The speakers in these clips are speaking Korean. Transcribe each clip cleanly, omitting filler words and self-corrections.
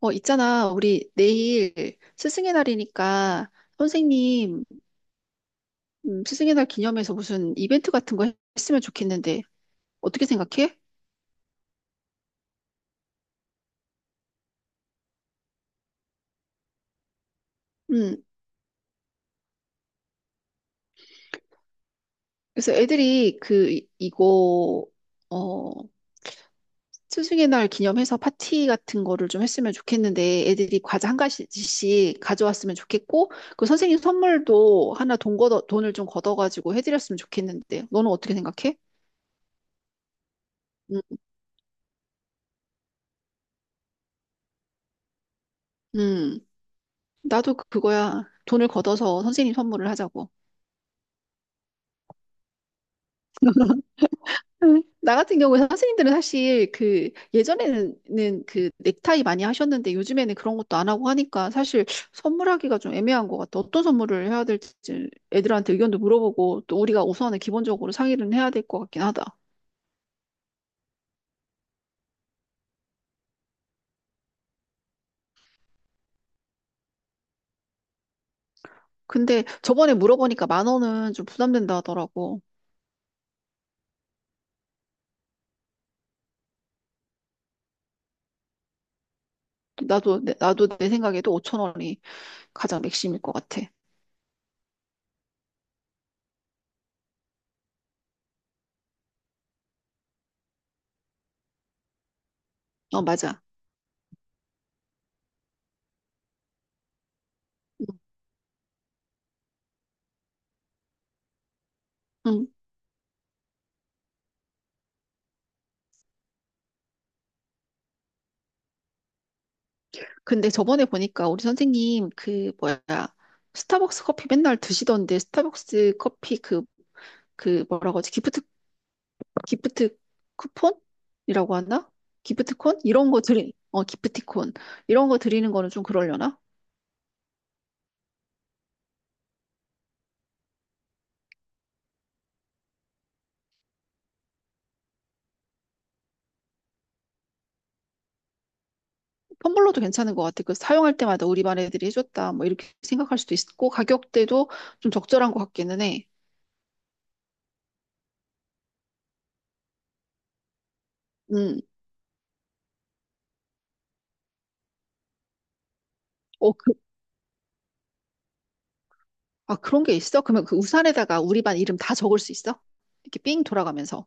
있잖아. 우리 내일 스승의 날이니까 선생님 스승의 날 기념해서 무슨 이벤트 같은 거 했으면 좋겠는데 어떻게 생각해? 음, 그래서 애들이 이거 어, 스승의 날 기념해서 파티 같은 거를 좀 했으면 좋겠는데 애들이 과자 한 가지씩 가져왔으면 좋겠고 그 선생님 선물도 하나 돈을 좀 걷어가지고 해드렸으면 좋겠는데 너는 어떻게 생각해? 음, 음, 나도 그거야. 돈을 걷어서 선생님 선물을 하자고. 나 같은 경우에 선생님들은 사실 그 예전에는 그 넥타이 많이 하셨는데 요즘에는 그런 것도 안 하고 하니까 사실 선물하기가 좀 애매한 것 같아. 어떤 선물을 해야 될지 애들한테 의견도 물어보고 또 우리가 우선은 기본적으로 상의는 해야 될 것 같긴 하다. 근데 저번에 물어보니까 만 원은 좀 부담된다 하더라고. 나도 내 생각에도 5천 원이 가장 맥심일 것 같아. 어, 맞아. 응, 응. 근데 저번에 보니까 우리 선생님 그 뭐야 스타벅스 커피 맨날 드시던데 스타벅스 커피 그 뭐라고 하지 기프트 기프트 쿠폰이라고 하나? 기프트콘 이런 거 드리 어 기프티콘 이런 거 드리는 거는 좀 그러려나? 텀블러도 괜찮은 것 같아. 그 사용할 때마다 우리 반 애들이 해줬다 뭐 이렇게 생각할 수도 있고 가격대도 좀 적절한 것 같기는 해. 음, 어, 그, 아 그런 게 있어? 그러면 그 우산에다가 우리 반 이름 다 적을 수 있어? 이렇게 삥 돌아가면서.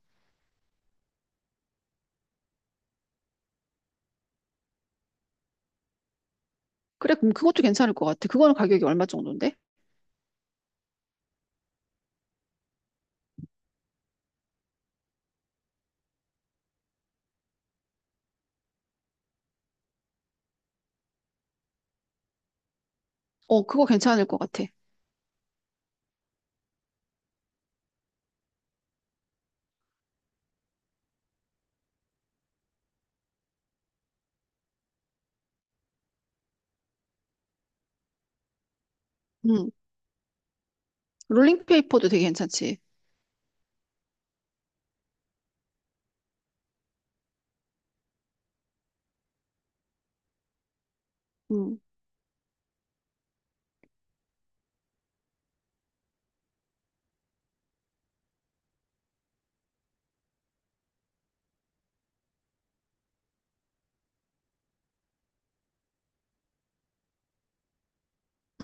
그래, 그럼 그것도 괜찮을 것 같아. 그거는 가격이 얼마 정도인데? 어, 그거 괜찮을 것 같아. 음. 롤링페이퍼도 되게 괜찮지. 음.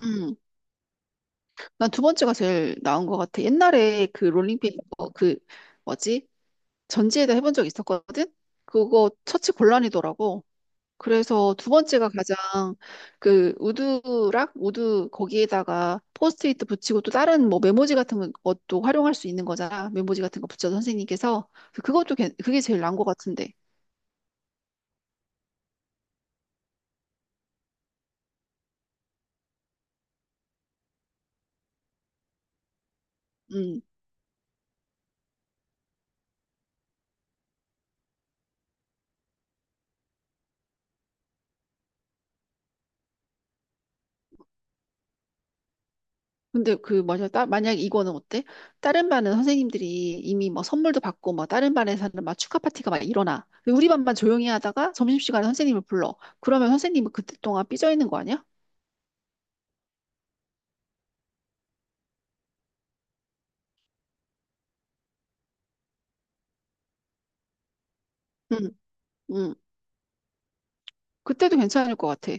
음. 난 두 번째가 제일 나은 것 같아. 옛날에 롤링페이퍼, 뭐지? 전지에다 해본 적 있었거든? 그거 처치 곤란이더라고. 그래서 두 번째가 가장 그 우드락? 우드 거기에다가 포스트잇 붙이고 또 다른 뭐 메모지 같은 것도 활용할 수 있는 거잖아. 메모지 같은 거 붙여서 선생님께서. 그게 제일 나은 것 같은데. 음. 근데 만약 이거는 어때? 다른 반은 선생님들이 이미 뭐 선물도 받고 뭐 다른 반에서는 막 축하 파티가 막 일어나. 근데 우리 반만 조용히 하다가 점심시간에 선생님을 불러. 그러면 선생님은 그때 동안 삐져 있는 거 아니야? 응, 응. 그때도 괜찮을 것 같아.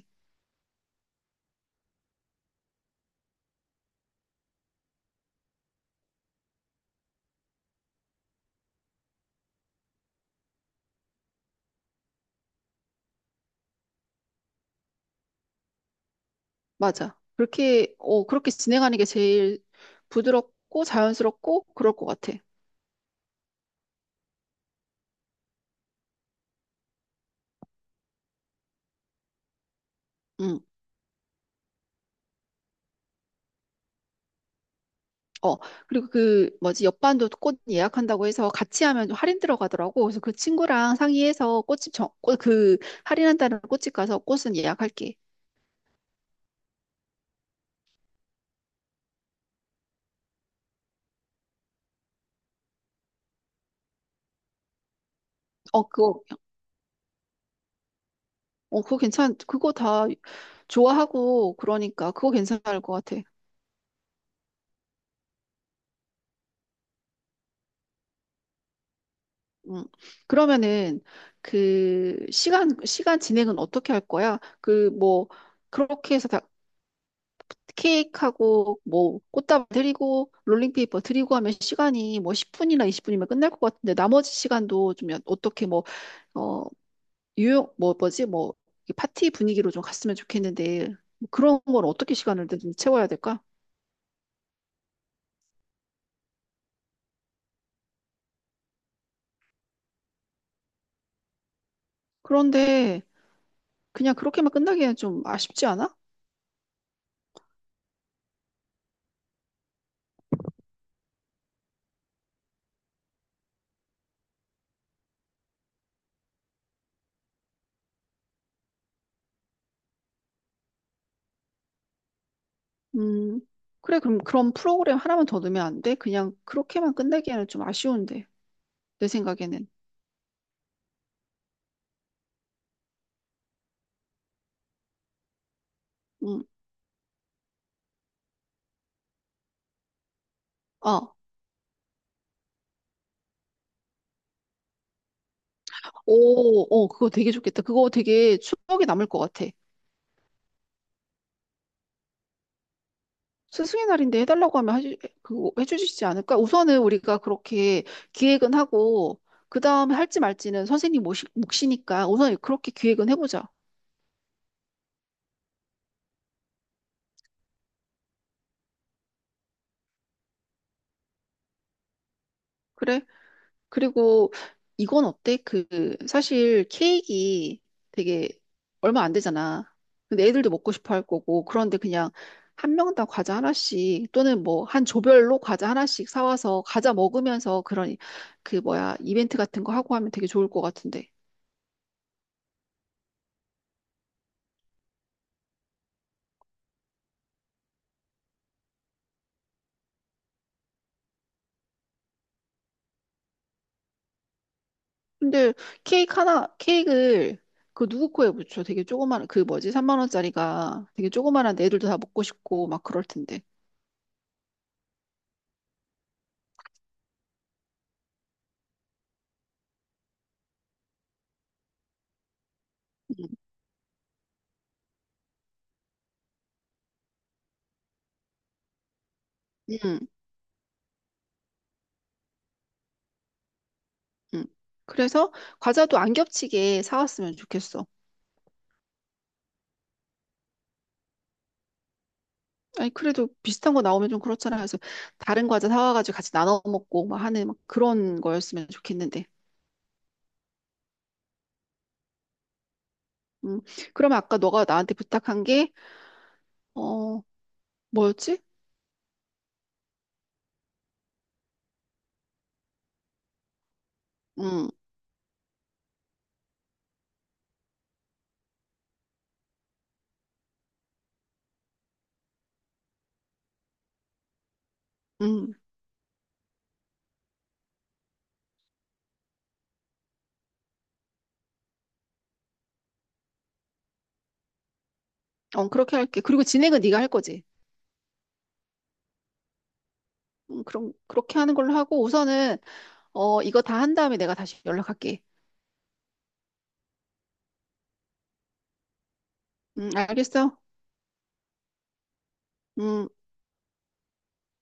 맞아. 그렇게 진행하는 게 제일 부드럽고 자연스럽고 그럴 것 같아. 응. 어, 그리고 뭐지, 옆반도 꽃 예약한다고 해서 같이 하면 좀 할인 들어가더라고. 그래서 그 친구랑 상의해서 꽃집 정, 꽃, 그, 할인한다는 꽃집 가서 꽃은 예약할게. 어, 그거, 그거 다 좋아하고 그러니까 그거 괜찮을 것 같아. 음. 그러면은 그 시간 진행은 어떻게 할 거야? 그 뭐 그렇게 해서 다 케이크하고 뭐 꽃다발 드리고 롤링페이퍼 드리고 하면 시간이 뭐 10분이나 20분이면 끝날 것 같은데 나머지 시간도 좀 연- 어떻게 뭐 어 유용 뭐 뭐지 뭐이 파티 분위기로 좀 갔으면 좋겠는데 뭐 그런 건 어떻게 시간을 좀 채워야 될까? 그런데 그냥 그렇게만 끝나기에는 좀 아쉽지 않아? 음 그래 그럼 그런 프로그램 하나만 더 넣으면 안 돼? 그냥 그렇게만 끝나기에는 좀 아쉬운데 내 생각에는 음 어. 그거 되게 좋겠다. 그거 되게 추억이 남을 것 같아. 스승의 날인데 해달라고 하면 해주, 그, 해주시지 않을까? 우선은 우리가 그렇게 기획은 하고, 그 다음에 할지 말지는 선생님 모시, 몫이니까 우선 그렇게 기획은 해보자. 그래? 그리고 이건 어때? 그, 사실 케이크 되게 얼마 안 되잖아. 근데 애들도 먹고 싶어 할 거고, 그런데 그냥 한 명당 과자 하나씩 또는 뭐 한 조별로 과자 하나씩 사와서 과자 먹으면서 그런 그 뭐야 이벤트 같은 거 하고 하면 되게 좋을 것 같은데. 근데 케이크를 그 누구 코에 붙여? 되게 조그마한, 그 뭐지? 3만 원짜리가 되게 조그마한 애들도 다 먹고 싶고 막 그럴 텐데. 응, 응. 응. 그래서 과자도 안 겹치게 사왔으면 좋겠어. 아니, 그래도 비슷한 거 나오면 좀 그렇잖아. 그래서 다른 과자 사와가지고 같이 나눠 먹고 막 하는 막 그런 거였으면 좋겠는데. 음, 그러면 아까 너가 나한테 부탁한 게, 어, 뭐였지? 음, 음, 어, 그렇게 할게. 그리고 진행은 네가 할 거지. 그럼, 그렇게 하는 걸로 하고 우선은 어, 이거 다 한 다음에 내가 다시 연락할게. 알겠어? 음.